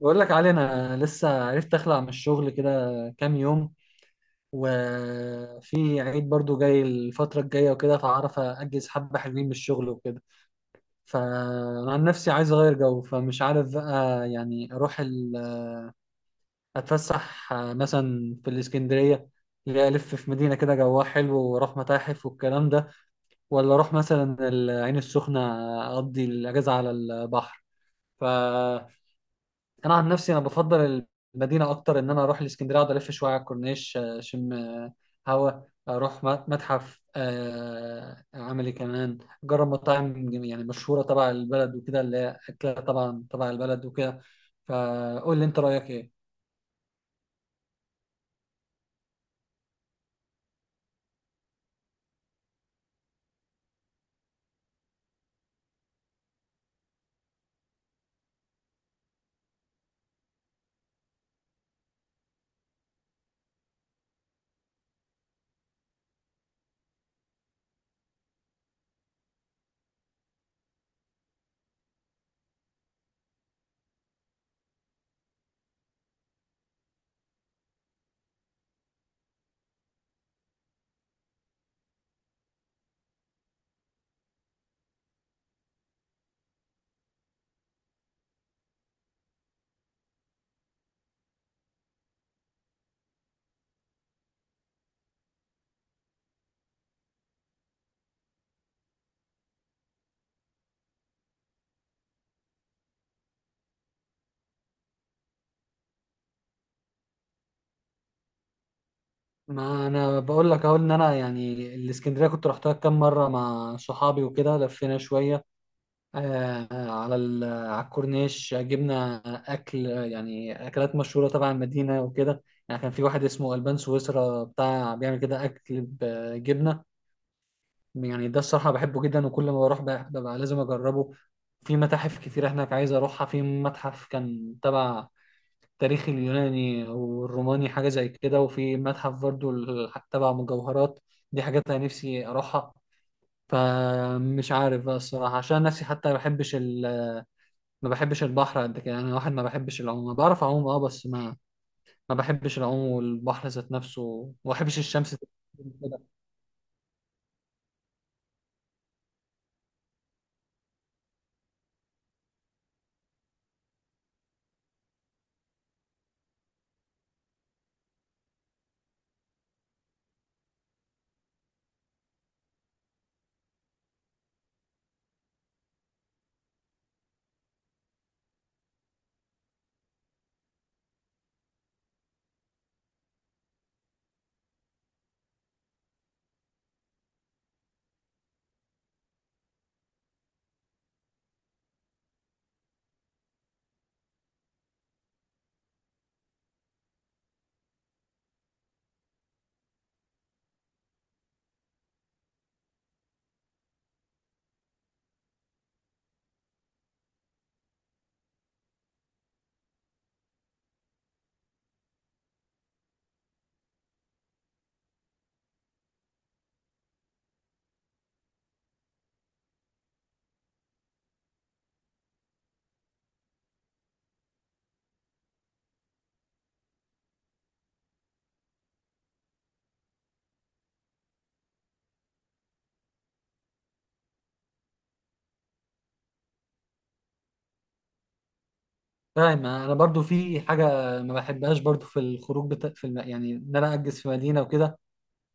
بقول لك علي انا لسه عرفت اخلع من الشغل كده كام يوم، وفي عيد برضو جاي الفترة الجاية وكده، فعارف اجز حبة حلوين من الشغل وكده. فانا عن نفسي عايز اغير جو، فمش عارف بقى، يعني اروح اتفسح مثلا في الاسكندرية، اللي هي الف في مدينة كده جواها حلو واروح متاحف والكلام ده، ولا اروح مثلا العين السخنة اقضي الاجازة على البحر. ف انا عن نفسي انا بفضل المدينه اكتر، ان انا اروح الاسكندريه اقعد الف شويه على الكورنيش اشم هوا، اروح متحف، اعمل ايه كمان، اجرب مطاعم يعني مشهوره تبع البلد وكده، اللي هي اكلها طبعا تبع البلد وكده. فقول لي انت رايك ايه؟ ما انا بقول لك اهو ان انا يعني الاسكندريه كنت رحتها كام مره مع صحابي وكده، لفينا شويه على على الكورنيش، جبنا اكل يعني اكلات مشهوره تبع المدينه وكده. يعني كان في واحد اسمه البان سويسرا بتاع بيعمل كده اكل بجبنه، يعني ده الصراحه بحبه جدا وكل ما بروح ببقى لازم اجربه. في متاحف كتير هناك عايز اروحها، في متحف كان تبع تاريخ اليوناني والروماني حاجه زي كده، وفي متحف برضو تبع مجوهرات، دي حاجات انا نفسي اروحها. فمش عارف بقى الصراحه، عشان نفسي حتى ما بحبش، ما بحبش البحر قد كده، انا واحد ما بحبش العوم. أنا بعرف اعوم اه، بس ما ما بحبش العوم والبحر ذات نفسه، وما بحبش الشمس كده. فاهم، انا برضو في حاجه ما بحبهاش برضو في الخروج في يعني ان انا اجز في مدينه وكده،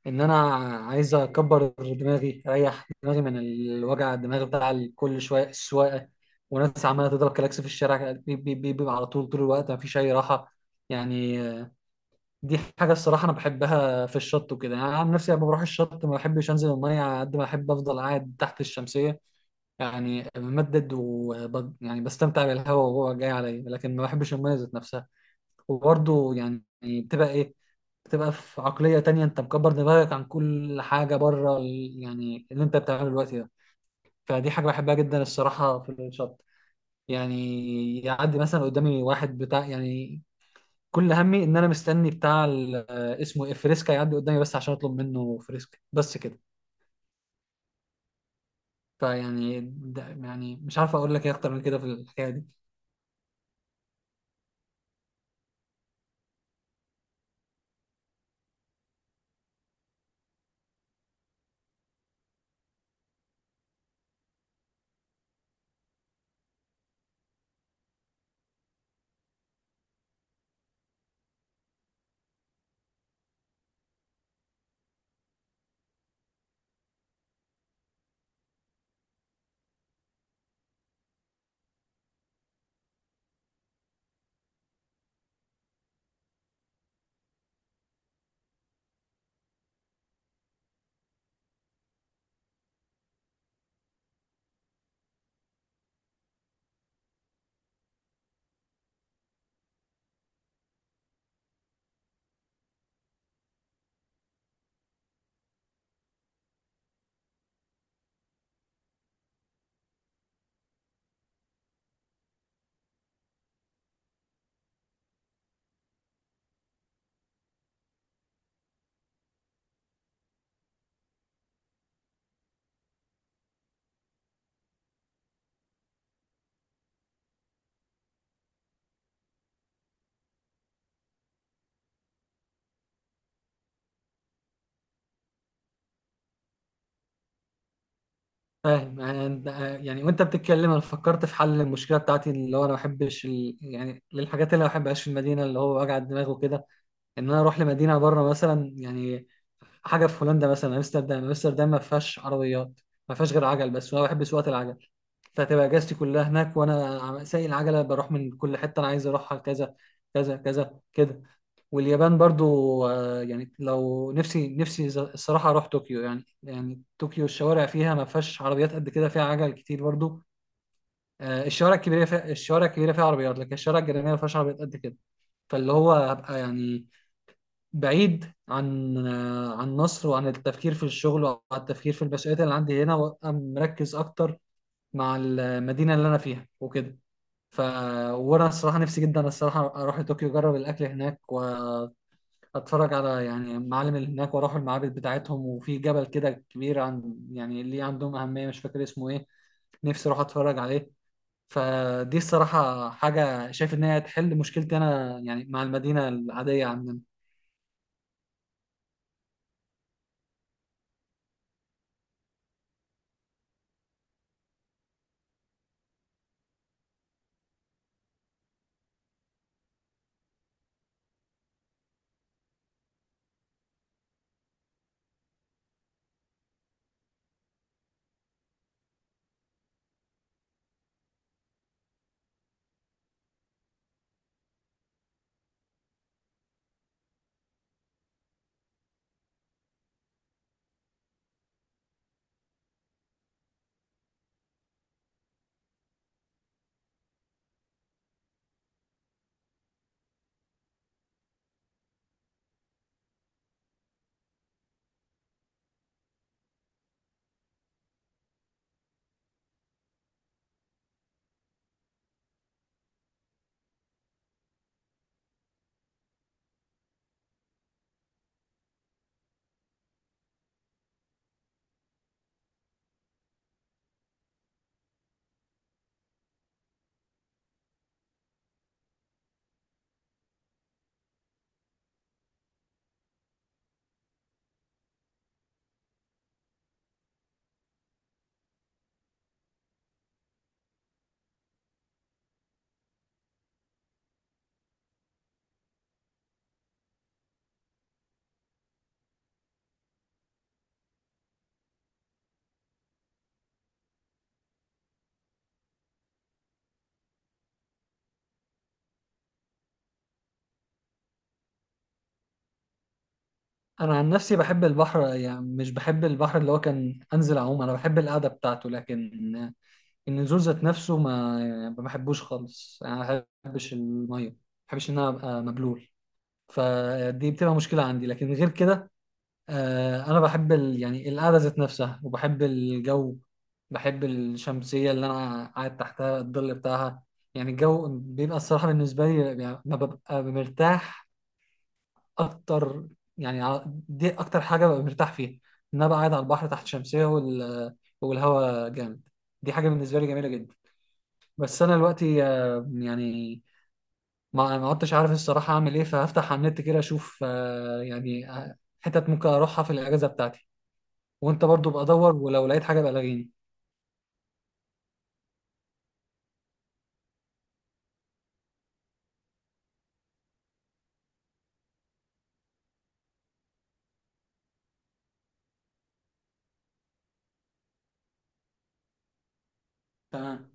ان انا عايز اكبر دماغي اريح دماغي من الوجع الدماغ بتاع كل شويه السواقه وناس عماله تضرب كلاكس في الشارع، بيبقى على طول طول الوقت ما فيش اي راحه يعني. دي حاجة الصراحة أنا بحبها في الشط وكده، يعني أنا عن نفسي لما بروح الشط ما بحبش أنزل المية، على قد ما أحب أفضل قاعد تحت الشمسية يعني، بمدد يعني بستمتع بالهواء وهو جاي عليا، لكن ما بحبش المية ذات نفسها. وبرضه يعني بتبقى إيه، بتبقى في عقلية تانية، أنت مكبر دماغك عن كل حاجة بره يعني اللي أنت بتعمله دلوقتي ده. فدي حاجة بحبها جدا الصراحة في الشط، يعني يعدي مثلا قدامي واحد بتاع يعني كل همي ان انا مستني بتاع اسمه ايه، فريسكا، يعدي قدامي بس عشان اطلب منه فريسكا بس كده. فيعني ده يعني مش عارف اقول لك ايه اكتر من كده في الحكايه دي. فاهم، يعني يعني وانت بتتكلم انا فكرت في حل المشكله بتاعتي، اللي هو انا ما بحبش يعني للحاجات اللي ما بحبهاش في المدينه، اللي هو وجع الدماغ وكده، ان انا اروح لمدينه بره مثلا، يعني حاجه في هولندا مثلا، امستردام. امستردام ما فيهاش عربيات، ما فيهاش غير عجل بس، وانا بحب سواقه العجل. فهتبقى اجازتي كلها هناك وانا سايق العجله بروح من كل حته انا عايز اروحها، كذا كذا كذا كده. واليابان برضو، يعني لو نفسي نفسي الصراحه اروح طوكيو. يعني يعني طوكيو الشوارع فيها ما فيهاش عربيات قد كده، فيها عجل كتير برضو. الشوارع الكبيره فيها، الشوارع الكبيره فيها عربيات، لكن الشوارع الجانبيه ما فيهاش عربيات قد كده. فاللي هو هبقى يعني بعيد عن عن مصر، وعن التفكير في الشغل، وعن التفكير في المسؤوليات اللي عندي هنا، وابقى مركز اكتر مع المدينه اللي انا فيها وكده. ف وانا الصراحه نفسي جدا الصراحه اروح لطوكيو، اجرب الاكل هناك واتفرج على يعني المعالم اللي هناك، واروح المعابد بتاعتهم. وفي جبل كده كبير عن يعني ليه عندهم اهميه، مش فاكر اسمه ايه، نفسي اروح اتفرج عليه. فدي الصراحه حاجه شايف ان هي هتحل مشكلتي انا يعني مع المدينه العاديه عندنا. انا عن نفسي بحب البحر، يعني مش بحب البحر اللي هو كان انزل اعوم، انا بحب القعده بتاعته، لكن النزول ذات نفسه ما يعني ما بحبوش خالص. يعني ما بحبش الميه، ما بحبش ان انا ابقى مبلول، فدي بتبقى مشكله عندي. لكن غير كده انا بحب يعني القعده ذات نفسها، وبحب الجو، بحب الشمسيه اللي انا قاعد تحتها الظل بتاعها. يعني الجو بيبقى الصراحه بالنسبه لي يعني ما ببقى مرتاح اكتر، يعني دي اكتر حاجه ببقى مرتاح فيها، ان انا بقى قاعد على البحر تحت شمسيه والهواء جامد، دي حاجه بالنسبه لي جميله جدا. بس انا دلوقتي يعني ما ما عدتش عارف الصراحه اعمل ايه، فهفتح على النت كده اشوف يعني حتت ممكن اروحها في الاجازه بتاعتي. وانت برضو بقى دور، ولو لقيت حاجه بقى لغيني. تمام.